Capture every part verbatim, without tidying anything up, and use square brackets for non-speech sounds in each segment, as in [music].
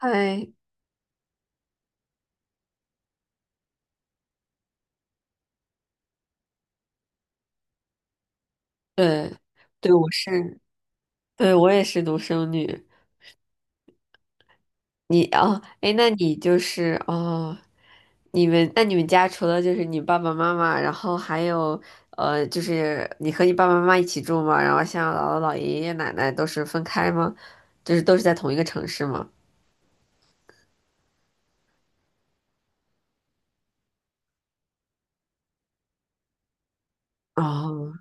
嗨，对，对，我是，对，我也是独生女。你哦，哎，那你就是哦，你们那你们家除了就是你爸爸妈妈，然后还有呃，就是你和你爸爸妈妈一起住吗？然后像姥姥、姥爷、爷爷奶奶都是分开吗？就是都是在同一个城市吗？哦，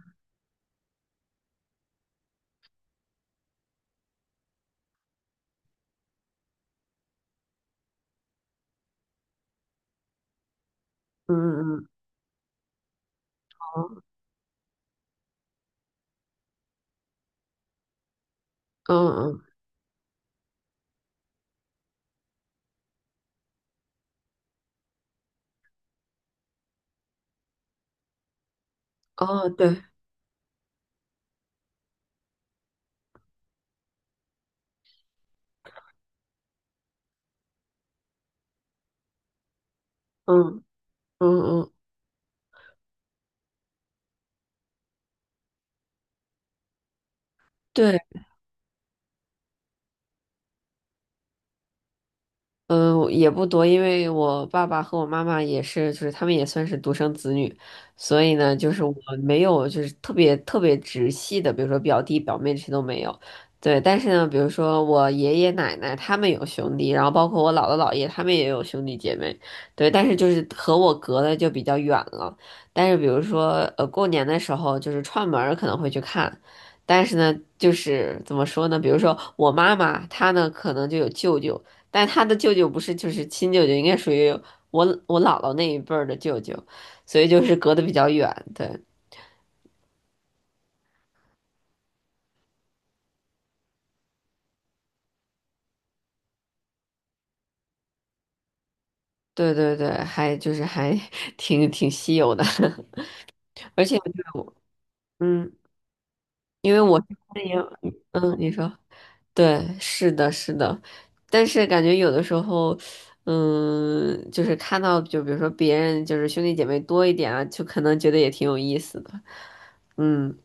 嗯嗯嗯嗯嗯，哦，对，嗯嗯嗯，对。嗯，也不多，因为我爸爸和我妈妈也是，就是他们也算是独生子女，所以呢，就是我没有就是特别特别直系的，比如说表弟表妹这些都没有。对，但是呢，比如说我爷爷奶奶他们有兄弟，然后包括我姥姥姥爷他们也有兄弟姐妹，对，但是就是和我隔的就比较远了。但是比如说呃过年的时候，就是串门儿可能会去看。但是呢，就是怎么说呢？比如说我妈妈，她呢可能就有舅舅，但他的舅舅不是就是亲舅舅，应该属于我我姥姥那一辈儿的舅舅，所以就是隔得比较远。对对对对，还就是还 [laughs] 挺挺稀有的，[laughs] 而且就是我嗯，因为我是欢迎，嗯，你说对，是的，是的，但是感觉有的时候。嗯，就是看到，就比如说别人就是兄弟姐妹多一点啊，就可能觉得也挺有意思的。嗯，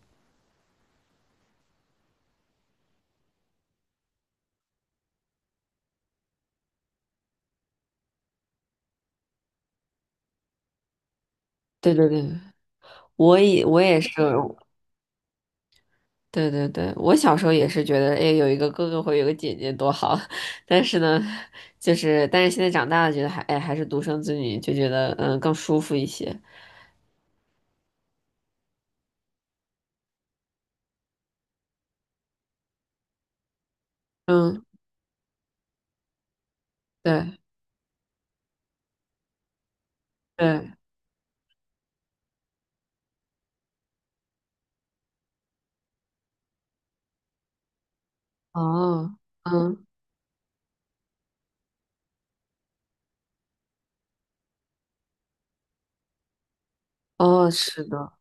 对对对，我也我也是，对对对，我小时候也是觉得，哎，有一个哥哥或有个姐姐多好，[laughs] 但是呢，就是但是现在长大了，觉得还哎还是独生子女，就觉得嗯更舒服一些。嗯，对对，哦，嗯哦，是的。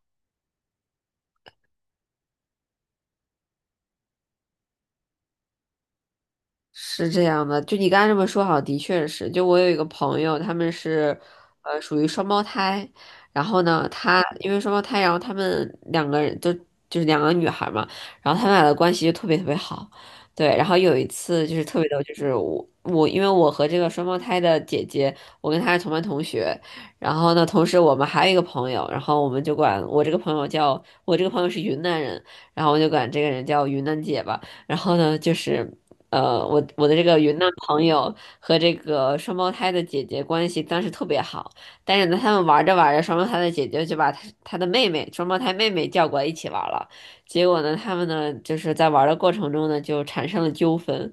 是这样的，就你刚才这么说，好，的确是。就我有一个朋友，他们是，呃，属于双胞胎。然后呢，他因为双胞胎，然后他们两个人都就是两个女孩嘛，然后他们俩的关系就特别特别好。对，然后有一次就是特别逗，就是我我因为我和这个双胞胎的姐姐，我跟她是同班同学。然后呢，同时我们还有一个朋友，然后我们就管我这个朋友叫我这个朋友是云南人，然后我就管这个人叫云南姐吧。然后呢，就是。呃，我我的这个云南朋友和这个双胞胎的姐姐关系当时特别好，但是呢，他们玩着玩着，双胞胎的姐姐就把她她的妹妹，双胞胎妹妹叫过来一起玩了。结果呢，他们呢就是在玩的过程中呢就产生了纠纷，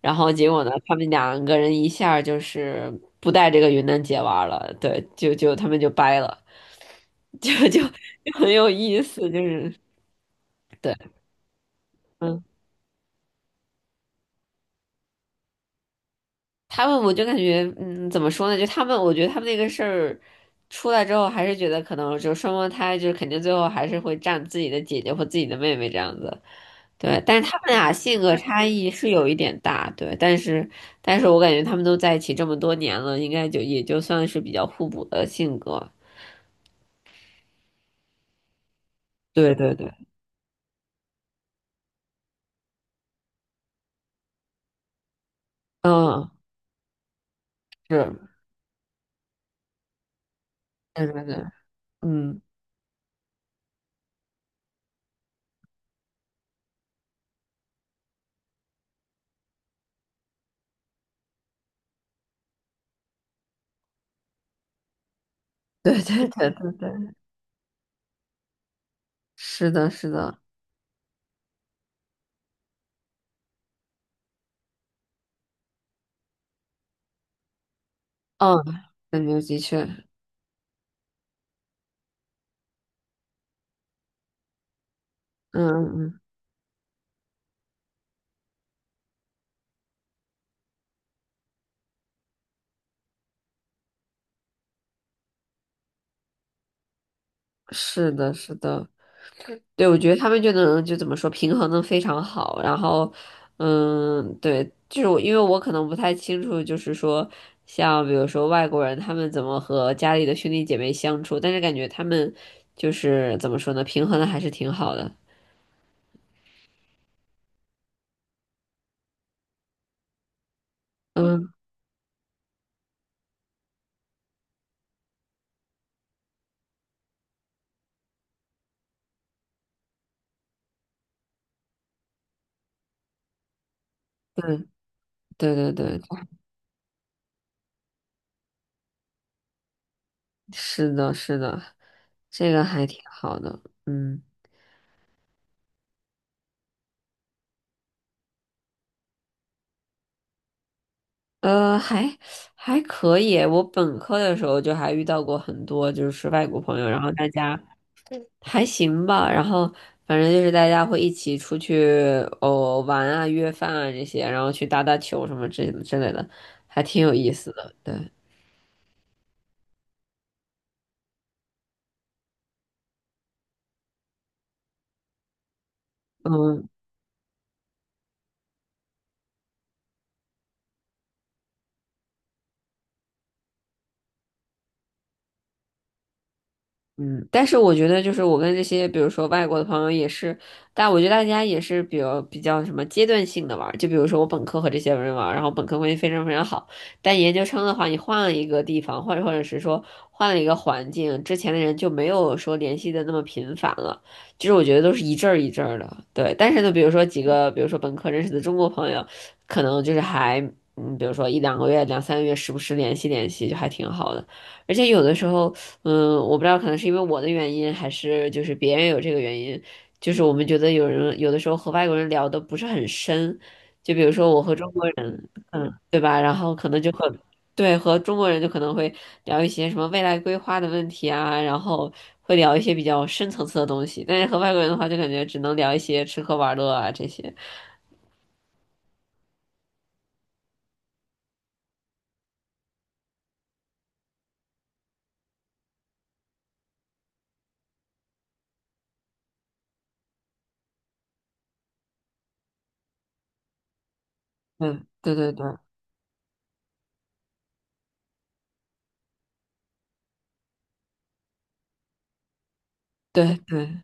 然后结果呢，他们两个人一下儿就是不带这个云南姐玩了，对，就就他们就掰了，[laughs] 就就就很有意思，就是对。嗯他们我就感觉，嗯，怎么说呢？就他们，我觉得他们那个事儿出来之后，还是觉得可能就双胞胎，就是肯定最后还是会占自己的姐姐或自己的妹妹这样子。对，但是他们俩性格差异是有一点大，对，但是但是我感觉他们都在一起这么多年了，应该就也就算是比较互补的性格。对对对，嗯，是，对对对，嗯，对对对对对，是的，是的，嗯，感觉的确，嗯嗯，是的，是的。对，我觉得他们就能就怎么说平衡的非常好，然后，嗯，对，就是我因为我可能不太清楚，就是说像比如说外国人他们怎么和家里的兄弟姐妹相处，但是感觉他们就是怎么说呢，平衡的还是挺好的。嗯，对，对对对，是的，是的，这个还挺好的，嗯。呃，还还可以。我本科的时候就还遇到过很多就是外国朋友，然后大家还行吧，然后反正就是大家会一起出去哦玩啊、约饭啊这些，然后去打打球什么之之类的，还挺有意思的。对，嗯，嗯，但是我觉得就是我跟这些，比如说外国的朋友也是，但我觉得大家也是比较比较什么阶段性的玩儿，就比如说我本科和这些人玩儿，然后本科关系非常非常好，但研究生的话，你换了一个地方，或者或者是说换了一个环境，之前的人就没有说联系的那么频繁了，就是我觉得都是一阵儿一阵儿的，对。但是呢，比如说几个，比如说本科认识的中国朋友，可能就是还，嗯，比如说一两个月、两三个月，时不时联系联系，就还挺好的。而且有的时候，嗯，我不知道，可能是因为我的原因，还是就是别人有这个原因，就是我们觉得有人有的时候和外国人聊的不是很深，就比如说我和中国人，嗯，对吧？然后可能就会对和中国人就可能会聊一些什么未来规划的问题啊，然后会聊一些比较深层次的东西，但是和外国人的话，就感觉只能聊一些吃喝玩乐啊这些。嗯，对对对对对，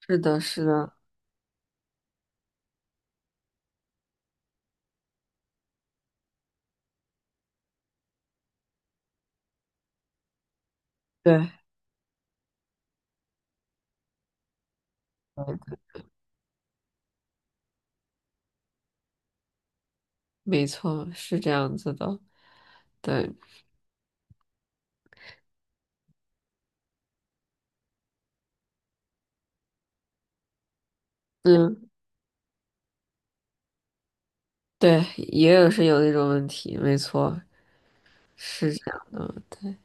是的，是的，对，没错，是这样子的，对。嗯。对，也有是有那种问题，没错，是这样的。对，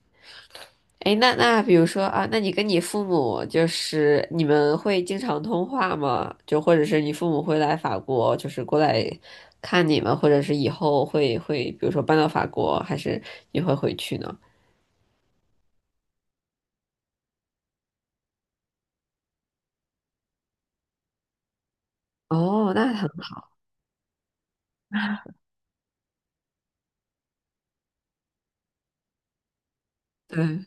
哎，那那比如说啊，那你跟你父母就是你们会经常通话吗？就或者是你父母会来法国，就是过来看你们，或者是以后会会，比如说搬到法国，还是你会回去呢？哦，那很好，对，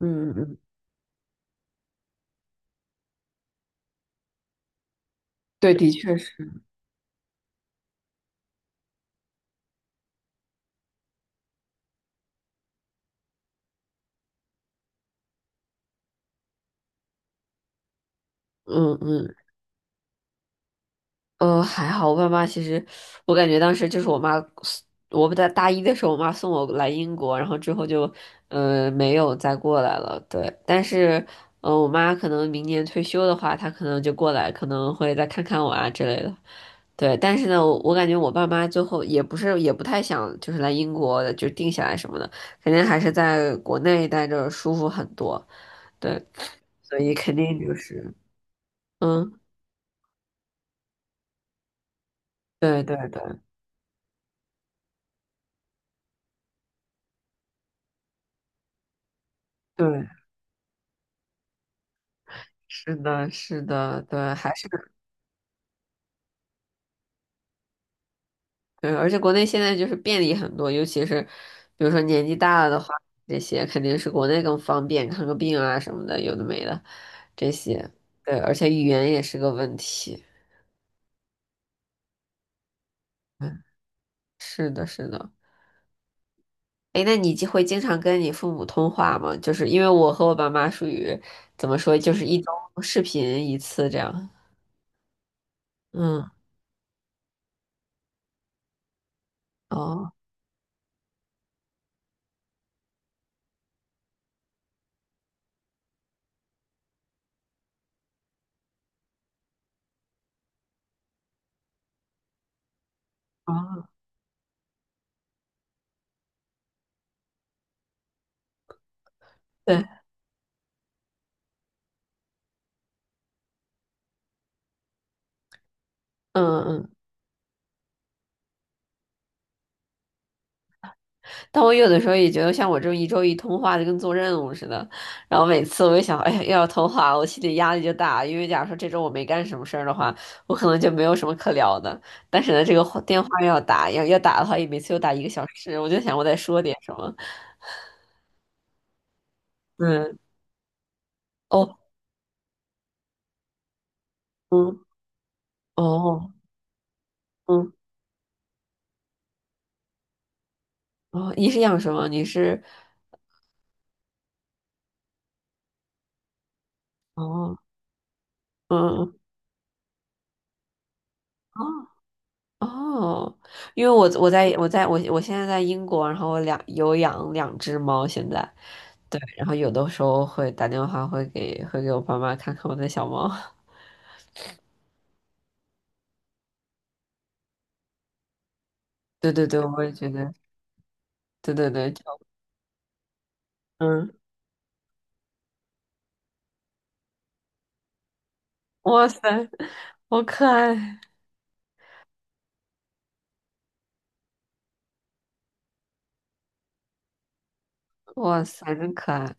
嗯嗯，对，的确是，嗯嗯呃，还好，我爸妈其实，我感觉当时就是我妈我不在大一的时候，我妈送我来英国，然后之后就，呃，没有再过来了。对，但是，呃，我妈可能明年退休的话，她可能就过来，可能会再看看我啊之类的。对，但是呢，我我感觉我爸妈最后也不是也不太想就是来英国就定下来什么的，肯定还是在国内待着舒服很多。对，所以肯定就是，嗯，对对对对。是的，是的，对，还是对，而且国内现在就是便利很多，尤其是比如说年纪大了的话，这些肯定是国内更方便，看个病啊什么的，有的没的，这些，对，而且语言也是个问题。嗯，是的，是的。哎，那你就会经常跟你父母通话吗？就是因为我和我爸妈属于怎么说，就是一周视频一次这样。嗯，哦，哦，对，嗯嗯。但我有的时候也觉得，像我这种一周一通话，就跟做任务似的。然后每次我一想，哎呀，又要通话，我心里压力就大。因为假如说这周我没干什么事儿的话，我可能就没有什么可聊的。但是呢，这个话电话又要打，要要打的话，也每次又打一个小时。我就想，我得说点什么。嗯，哦，嗯，哦，嗯，哦，你是养什么？你是，哦，嗯嗯哦，哦，因为我我在我在我我现在在英国，然后我两有养两只猫，现在。对，然后有的时候会打电话，会给会给我爸妈看看我的小猫。[laughs] 对对对，我也觉得，对对对，就嗯，哇塞，好可爱，哇塞，真可爱。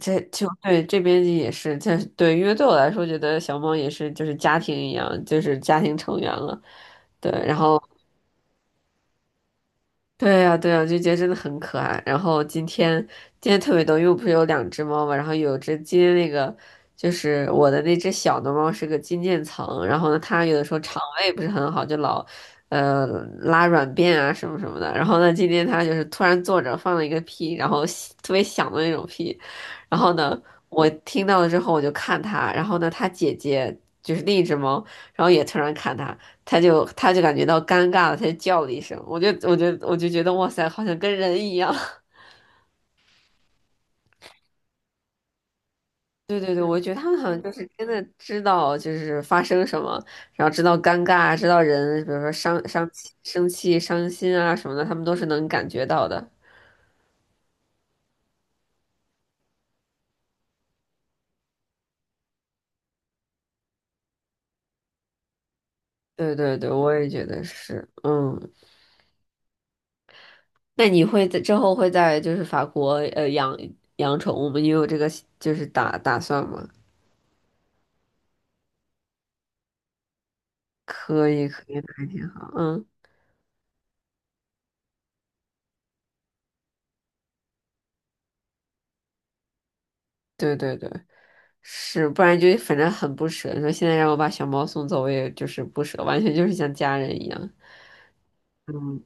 这就对这边也是，这对，因为对我来说，觉得小猫也是就是家庭一样，就是家庭成员了。对，然后对呀，对呀，就觉得真的很可爱。然后今天今天特别逗，因为我不是有两只猫嘛，然后有只今天那个就是我的那只小的猫是个金渐层，然后呢，它有的时候肠胃不是很好，就老呃拉软便啊什么什么的。然后呢，今天它就是突然坐着放了一个屁，然后吸特别响的那种屁，然后呢，我听到了之后我就看它，然后呢，它姐姐就是另一只猫，然后也突然看它。他就他就感觉到尴尬了，他就叫了一声，我就我就我就觉得哇塞，好像跟人一样。[laughs] 对对对，我觉得他们好像就是真的知道就是发生什么，然后知道尴尬，知道人，比如说伤伤生气、伤心啊什么的，他们都是能感觉到的。对对对，我也觉得是。嗯，那你会在之后会在就是法国呃养养宠物吗？你有这个就是打打算吗？可以可以，那还挺好。嗯，对对对。是，不然就反正很不舍。你说现在让我把小猫送走，我也就是不舍，完全就是像家人一样。嗯，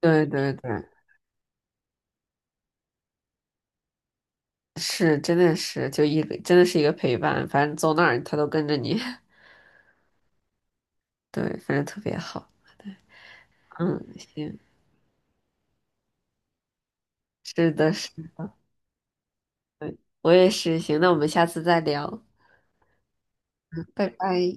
对对对，是，真的是，就一个真的是一个陪伴，反正走哪儿它都跟着你。[laughs] 对，反正特别好。对，嗯，行，是的，是，我也是。行，那我们下次再聊，拜拜。